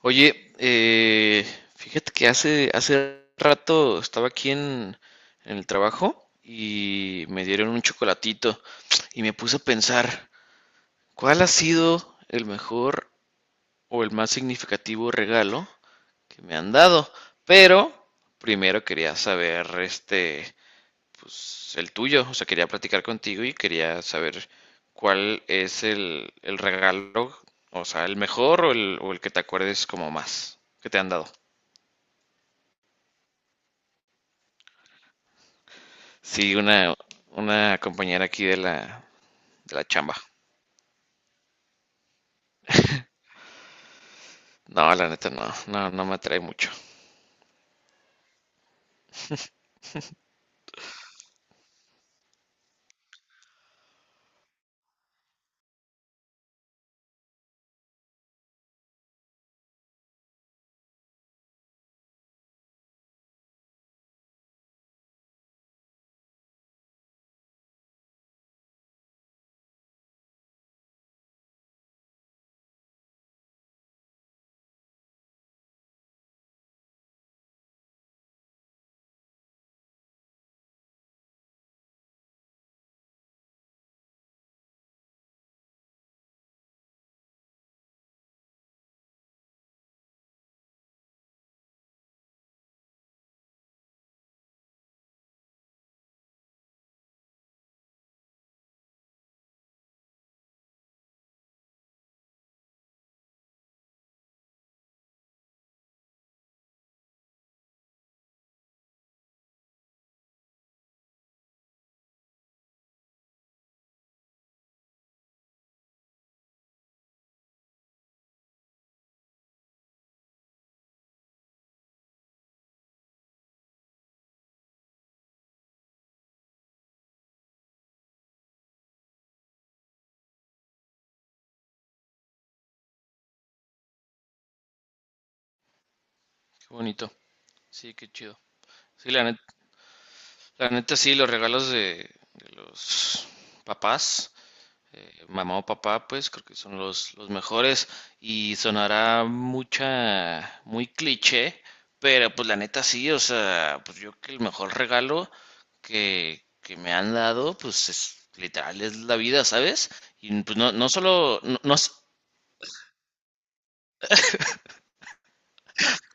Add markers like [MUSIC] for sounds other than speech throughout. Oye, fíjate que hace rato estaba aquí en el trabajo y me dieron un chocolatito y me puse a pensar, ¿cuál ha sido el mejor o el más significativo regalo que me han dado? Pero primero quería saber, este, pues el tuyo, o sea, quería platicar contigo y quería saber cuál es el regalo, o sea, el mejor o el que te acuerdes como más que te han dado. Sí, una compañera aquí de de la chamba. No, la neta no, no, no me atrae mucho. Qué bonito, sí, qué chido. Sí, la neta sí, los regalos de los papás, mamá o papá, pues creo que son los mejores y sonará muy cliché, pero pues la neta sí, o sea, pues yo creo que el mejor regalo que me han dado, pues es literal, es la vida, ¿sabes? Y pues no, no solo, no, no s-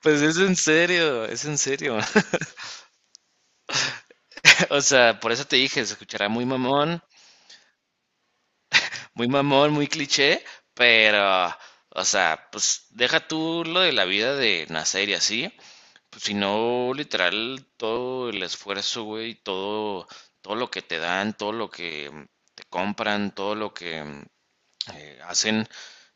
pues es en serio, es en serio. [LAUGHS] O sea, por eso te dije, se escuchará muy mamón, muy mamón, muy cliché, pero, o sea, pues deja tú lo de la vida de nacer y así. Pues, si no, literal, todo el esfuerzo, güey, todo, todo lo que te dan, todo lo que te compran, todo lo que hacen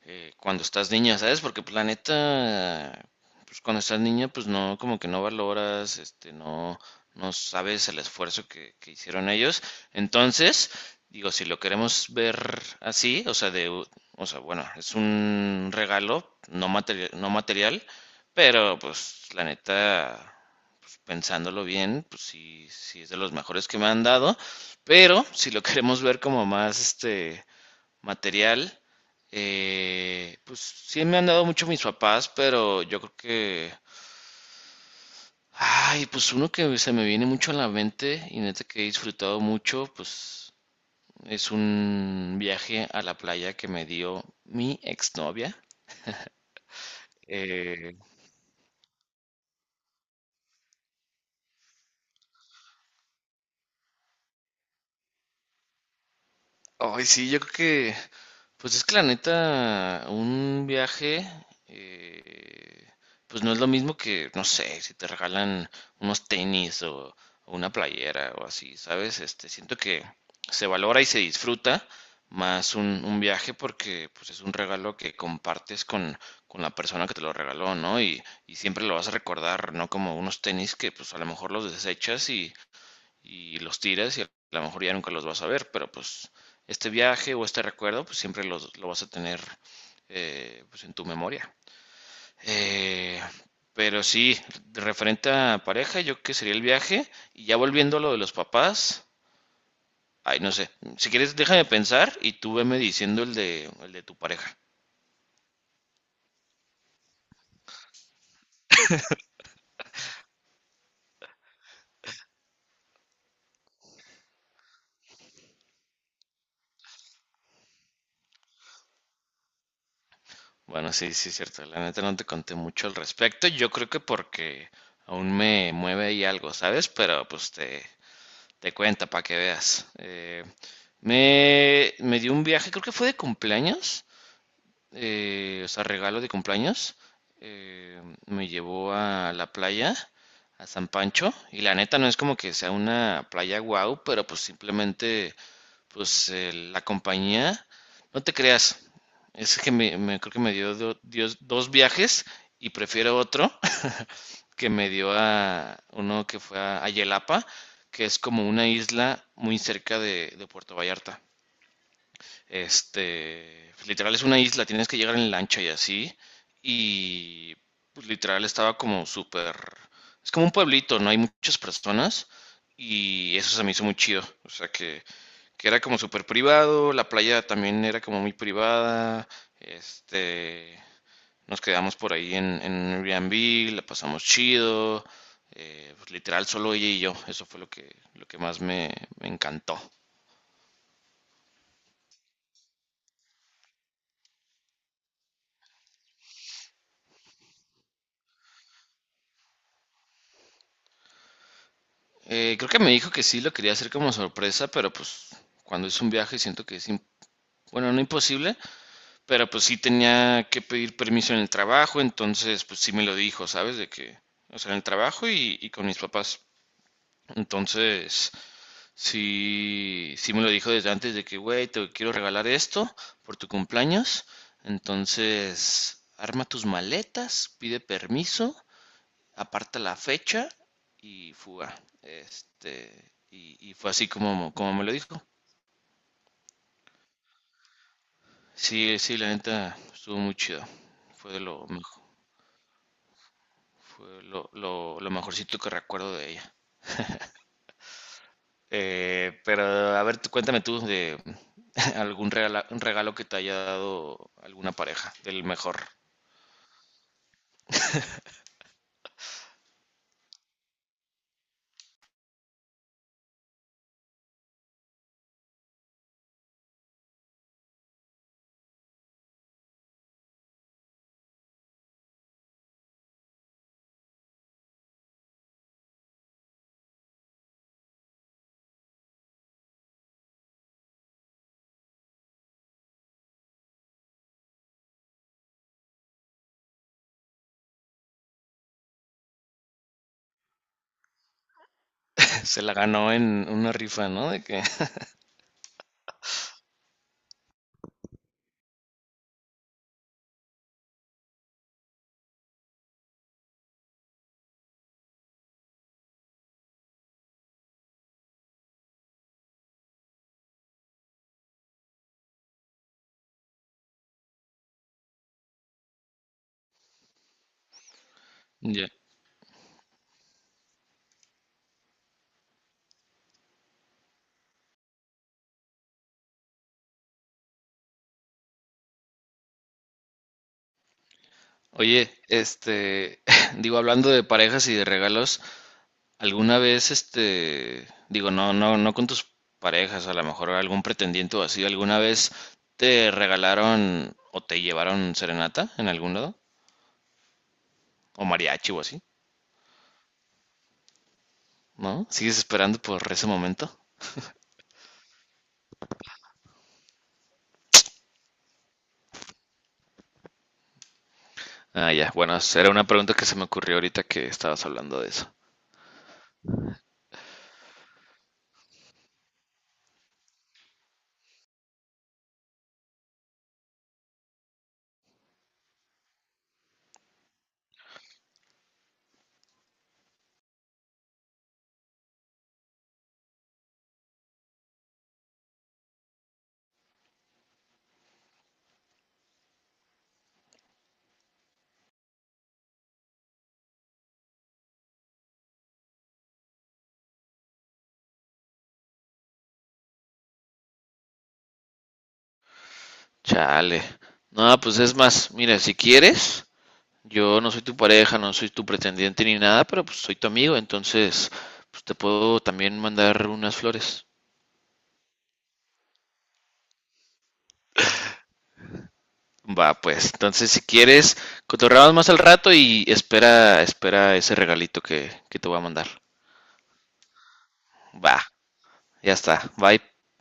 cuando estás niña, ¿sabes? Porque pues, la neta, pues cuando estás niña, pues no, como que no valoras, este, no, no sabes el esfuerzo que hicieron ellos. Entonces, digo, si lo queremos ver así, o sea, o sea, bueno, es un regalo no material, no material, pero pues la neta, pues, pensándolo bien, pues sí, sí es de los mejores que me han dado. Pero si lo queremos ver como más, este, material, pues sí me han dado mucho mis papás, pero yo creo que, ay, pues uno que se me viene mucho a la mente y neta que he disfrutado mucho, pues es un viaje a la playa que me dio mi exnovia. Eh, Ay, sí, yo creo que, pues es que la neta, un viaje, eh, pues no es lo mismo que, no sé, si te regalan unos tenis o una playera o así, ¿sabes? Este, siento que se valora y se disfruta más un viaje porque, pues es un regalo que compartes con la persona que te lo regaló, ¿no? Y siempre lo vas a recordar, ¿no? Como unos tenis que, pues a lo mejor los desechas y los tiras y a lo mejor ya nunca los vas a ver, pero pues este viaje o este recuerdo pues siempre lo vas a tener, pues en tu memoria. Eh, pero sí, referente a pareja, yo que sería el viaje y ya volviendo a lo de los papás, ay, no sé, si quieres déjame pensar y tú veme diciendo el de tu pareja. Bueno, sí, sí, es cierto, la neta no te conté mucho al respecto, yo creo que porque aún me mueve ahí algo, ¿sabes? Pero pues te... Te cuenta para que veas. Me dio un viaje, creo que fue de cumpleaños, o sea, regalo de cumpleaños, me llevó a la playa, a San Pancho, y la neta no es como que sea una playa guau, pero pues simplemente, pues la compañía, no te creas, es que creo que me dio, dos viajes y prefiero otro [LAUGHS] que me dio a uno que fue a Yelapa, que es como una isla muy cerca de Puerto Vallarta. Este, pues, literal es una isla, tienes que llegar en lancha y así. Y pues, literal estaba como súper. Es como un pueblito, no hay muchas personas. Y eso se me hizo muy chido. O sea que era como súper privado, la playa también era como muy privada. Este, nos quedamos por ahí en Airbnb, la pasamos chido. Pues, literal, solo ella y yo. Eso fue lo que más me encantó. Creo que me dijo que sí lo quería hacer como sorpresa, pero pues cuando es un viaje siento que es, bueno, no imposible, pero pues sí tenía que pedir permiso en el trabajo, entonces pues sí me lo dijo, ¿sabes? De que, o sea, en el trabajo y con mis papás. Entonces, sí, sí me lo dijo desde antes de que, güey, te quiero regalar esto por tu cumpleaños. Entonces, arma tus maletas, pide permiso, aparta la fecha y fuga. Este, y fue así como, como me lo dijo. Sí, sí, la neta estuvo muy chido. Fue lo mejor, fue lo mejorcito que recuerdo de ella. Pero a ver, tú, cuéntame tú de [LAUGHS] algún regalo, un regalo que te haya dado alguna pareja, del mejor. [LAUGHS] Se la ganó en una rifa, ¿no? De que [LAUGHS] ya. Oye, este, [LAUGHS] digo, hablando de parejas y de regalos, ¿alguna vez, este, digo, no, no, no con tus parejas, a lo mejor algún pretendiente o así, ¿alguna vez te regalaron o te llevaron serenata en algún lado? ¿O mariachi o así? ¿No? ¿Sigues esperando por ese momento? Ah, ya, bueno, era una pregunta que se me ocurrió ahorita que estabas hablando de eso. Chale. No, pues es más, mira, si quieres, yo no soy tu pareja, no soy tu pretendiente ni nada, pero pues soy tu amigo, entonces pues te puedo también mandar unas flores. Va, pues, entonces si quieres, cotorreamos más al rato y espera, espera ese regalito que te voy a mandar. Va, ya está. Bye.